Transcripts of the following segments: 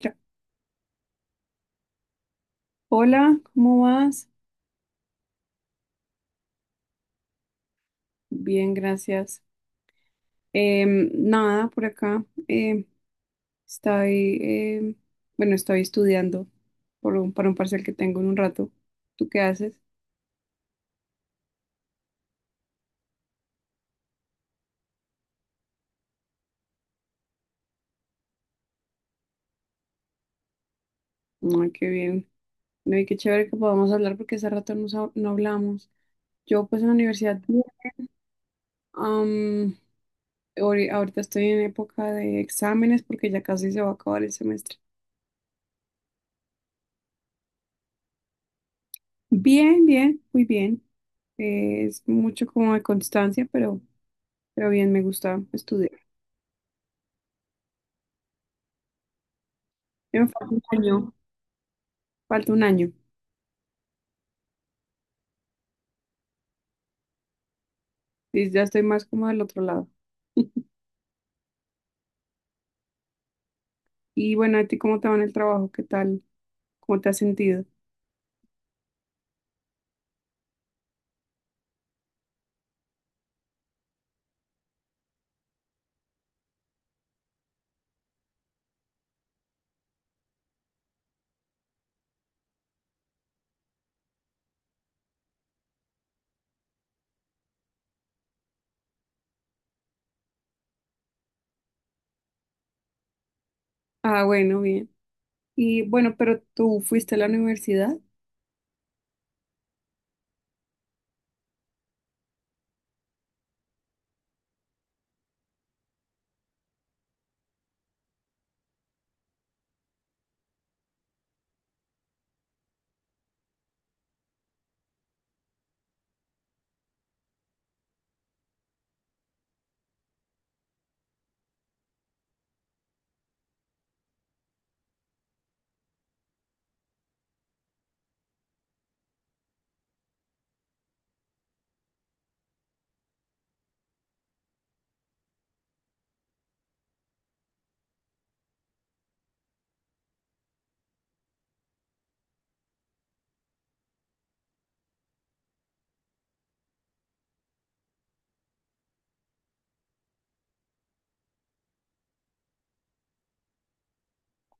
Ya. Hola, ¿cómo vas? Bien, gracias. Nada, por acá. Estoy, em, bueno, Estoy estudiando para un parcial que tengo en un rato. ¿Tú qué haces? Ay, qué bien. No, y qué chévere que podamos hablar porque hace rato no hablamos. Yo pues en la universidad. am, Ahorita estoy en época de exámenes porque ya casi se va a acabar el semestre. Bien, bien, muy bien. Es mucho como de constancia, pero bien, me gusta estudiar. Me falta un año, Falta 1 año. Y ya estoy más como del otro lado. Y bueno, ¿a ti cómo te va en el trabajo? ¿Qué tal? ¿Cómo te has sentido? Ah, bueno, bien. Y bueno, pero tú fuiste a la universidad.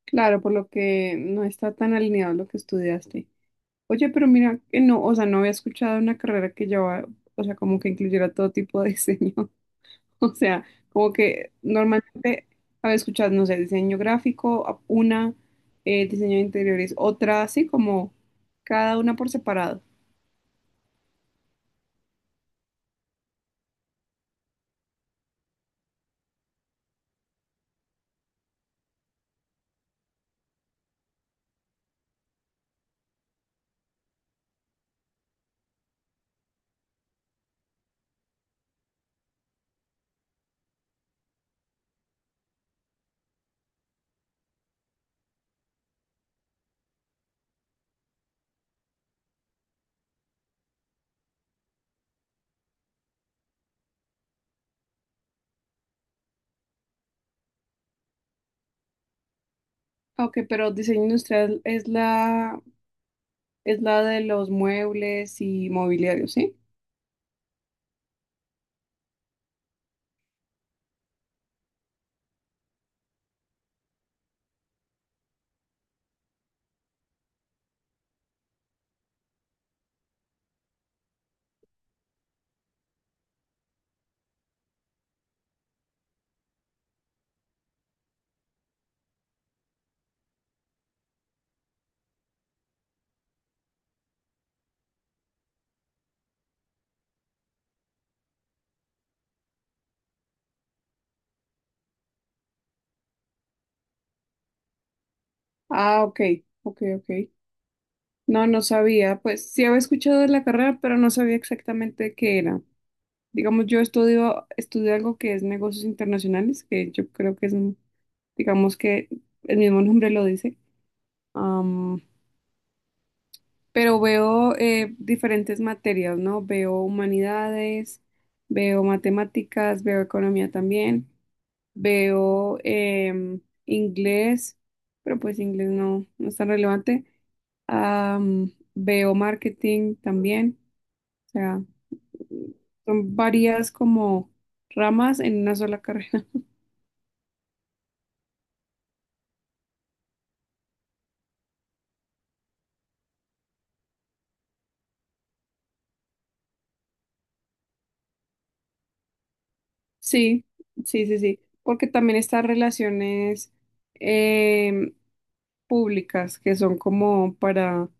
Claro, por lo que no está tan alineado lo que estudiaste. Oye, pero mira, que no, o sea, no había escuchado una carrera que o sea, como que incluyera todo tipo de diseño. O sea, como que normalmente, a ver, escuchad, no sé, diseño gráfico, diseño de interiores, otra, así como cada una por separado. Ah, ok, pero diseño industrial es es la de los muebles y mobiliario, ¿sí? Ah, ok, ok, ok. No, no sabía. Pues sí había escuchado de la carrera, pero no sabía exactamente qué era. Digamos, yo estudio algo que es negocios internacionales, que yo creo que digamos que el mismo nombre lo dice. Am, pero veo diferentes materias, ¿no? Veo humanidades, veo matemáticas, veo economía también, veo inglés, pero pues inglés no es tan relevante. Veo marketing también, o sea, son varias como ramas en una sola carrera. Sí, sí, sí, sí, porque también estas relaciones em, públicas que son como para, o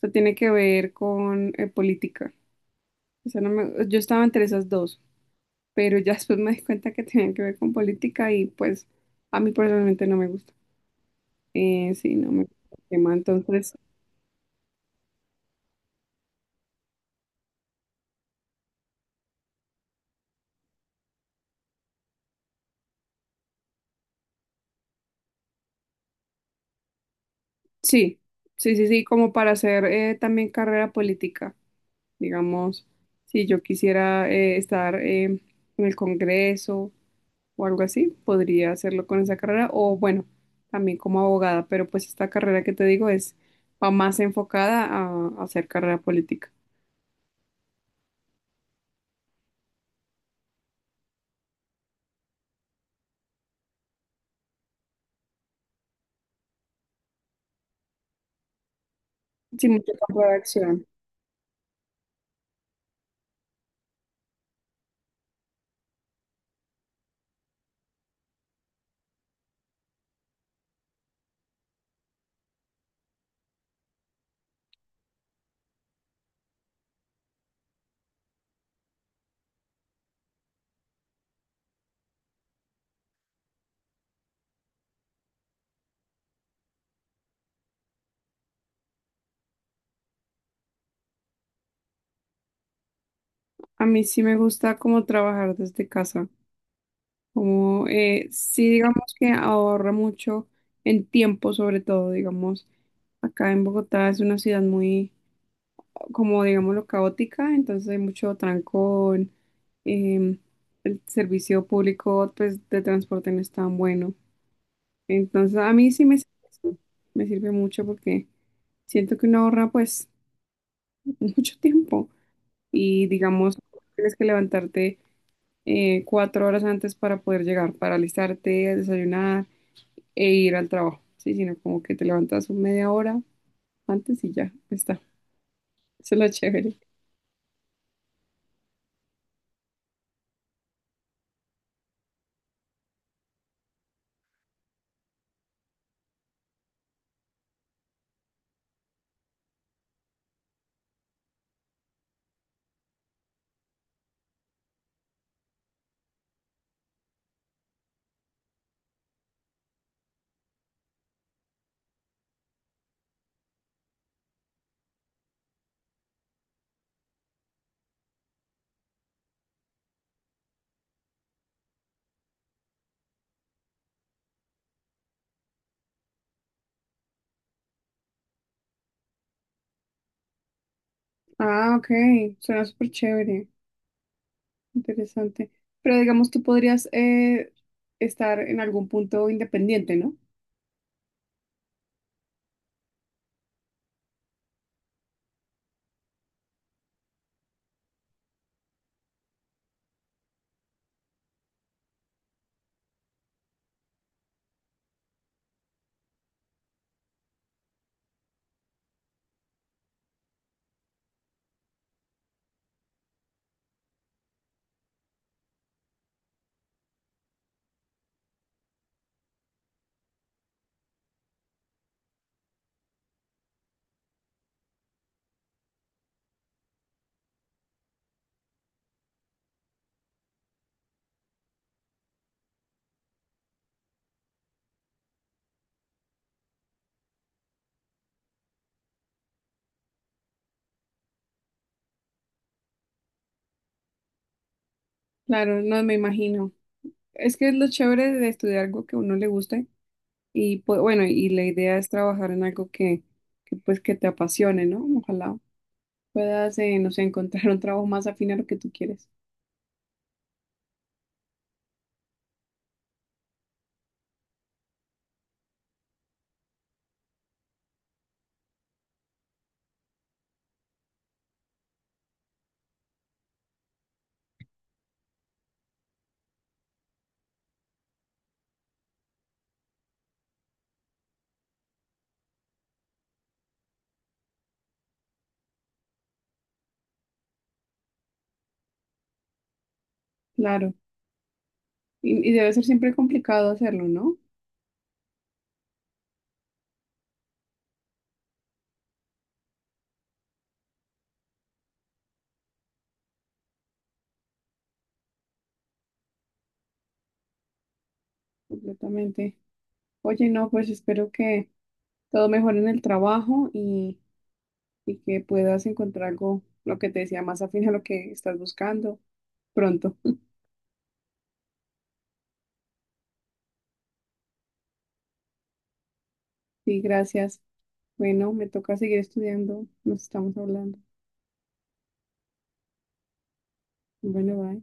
sea, tiene que ver con política. O sea, no me- Yo estaba entre esas dos, pero ya después me di cuenta que tenían que ver con política y pues a mí personalmente no me gusta. Sí, no me gusta el tema, entonces... Sí, sí, sí, sí, como para hacer también carrera política, digamos, si yo quisiera estar en el Congreso o algo así, podría hacerlo con esa carrera o bueno, también como abogada, pero pues esta carrera que te digo es va más enfocada a hacer carrera política, sin mucho campo de acción. A mí sí me gusta como trabajar desde casa, como sí digamos que ahorra mucho en tiempo, sobre todo, digamos. Acá en Bogotá es una ciudad muy, como digámoslo, caótica, entonces hay mucho trancón, em, el servicio público pues, de transporte no es tan bueno. Entonces a mí sí me sirve, eso, me sirve mucho porque siento que uno ahorra pues mucho tiempo y digamos, tienes que levantarte 4 horas antes para poder llegar, para alistarte, desayunar e ir al trabajo, sí, sino como que te levantas media hora antes y ya está. Eso es lo chévere. Ah, ok, suena súper chévere, interesante. Pero digamos, tú podrías estar en algún punto independiente, ¿no? Claro, no me imagino. Es que es lo chévere de estudiar algo que a uno le guste y pues, bueno, y la idea es trabajar en algo que pues que te apasione, ¿no? Ojalá puedas, no sé, encontrar un trabajo más afín a lo que tú quieres. Claro. Y debe ser siempre complicado hacerlo, ¿no? Completamente. Oye, no, pues espero que todo mejore en el trabajo y que puedas encontrar algo, lo que te decía, más afín a lo que estás buscando pronto. Sí, gracias. Bueno, me toca seguir estudiando. Nos estamos hablando. Bueno, bye.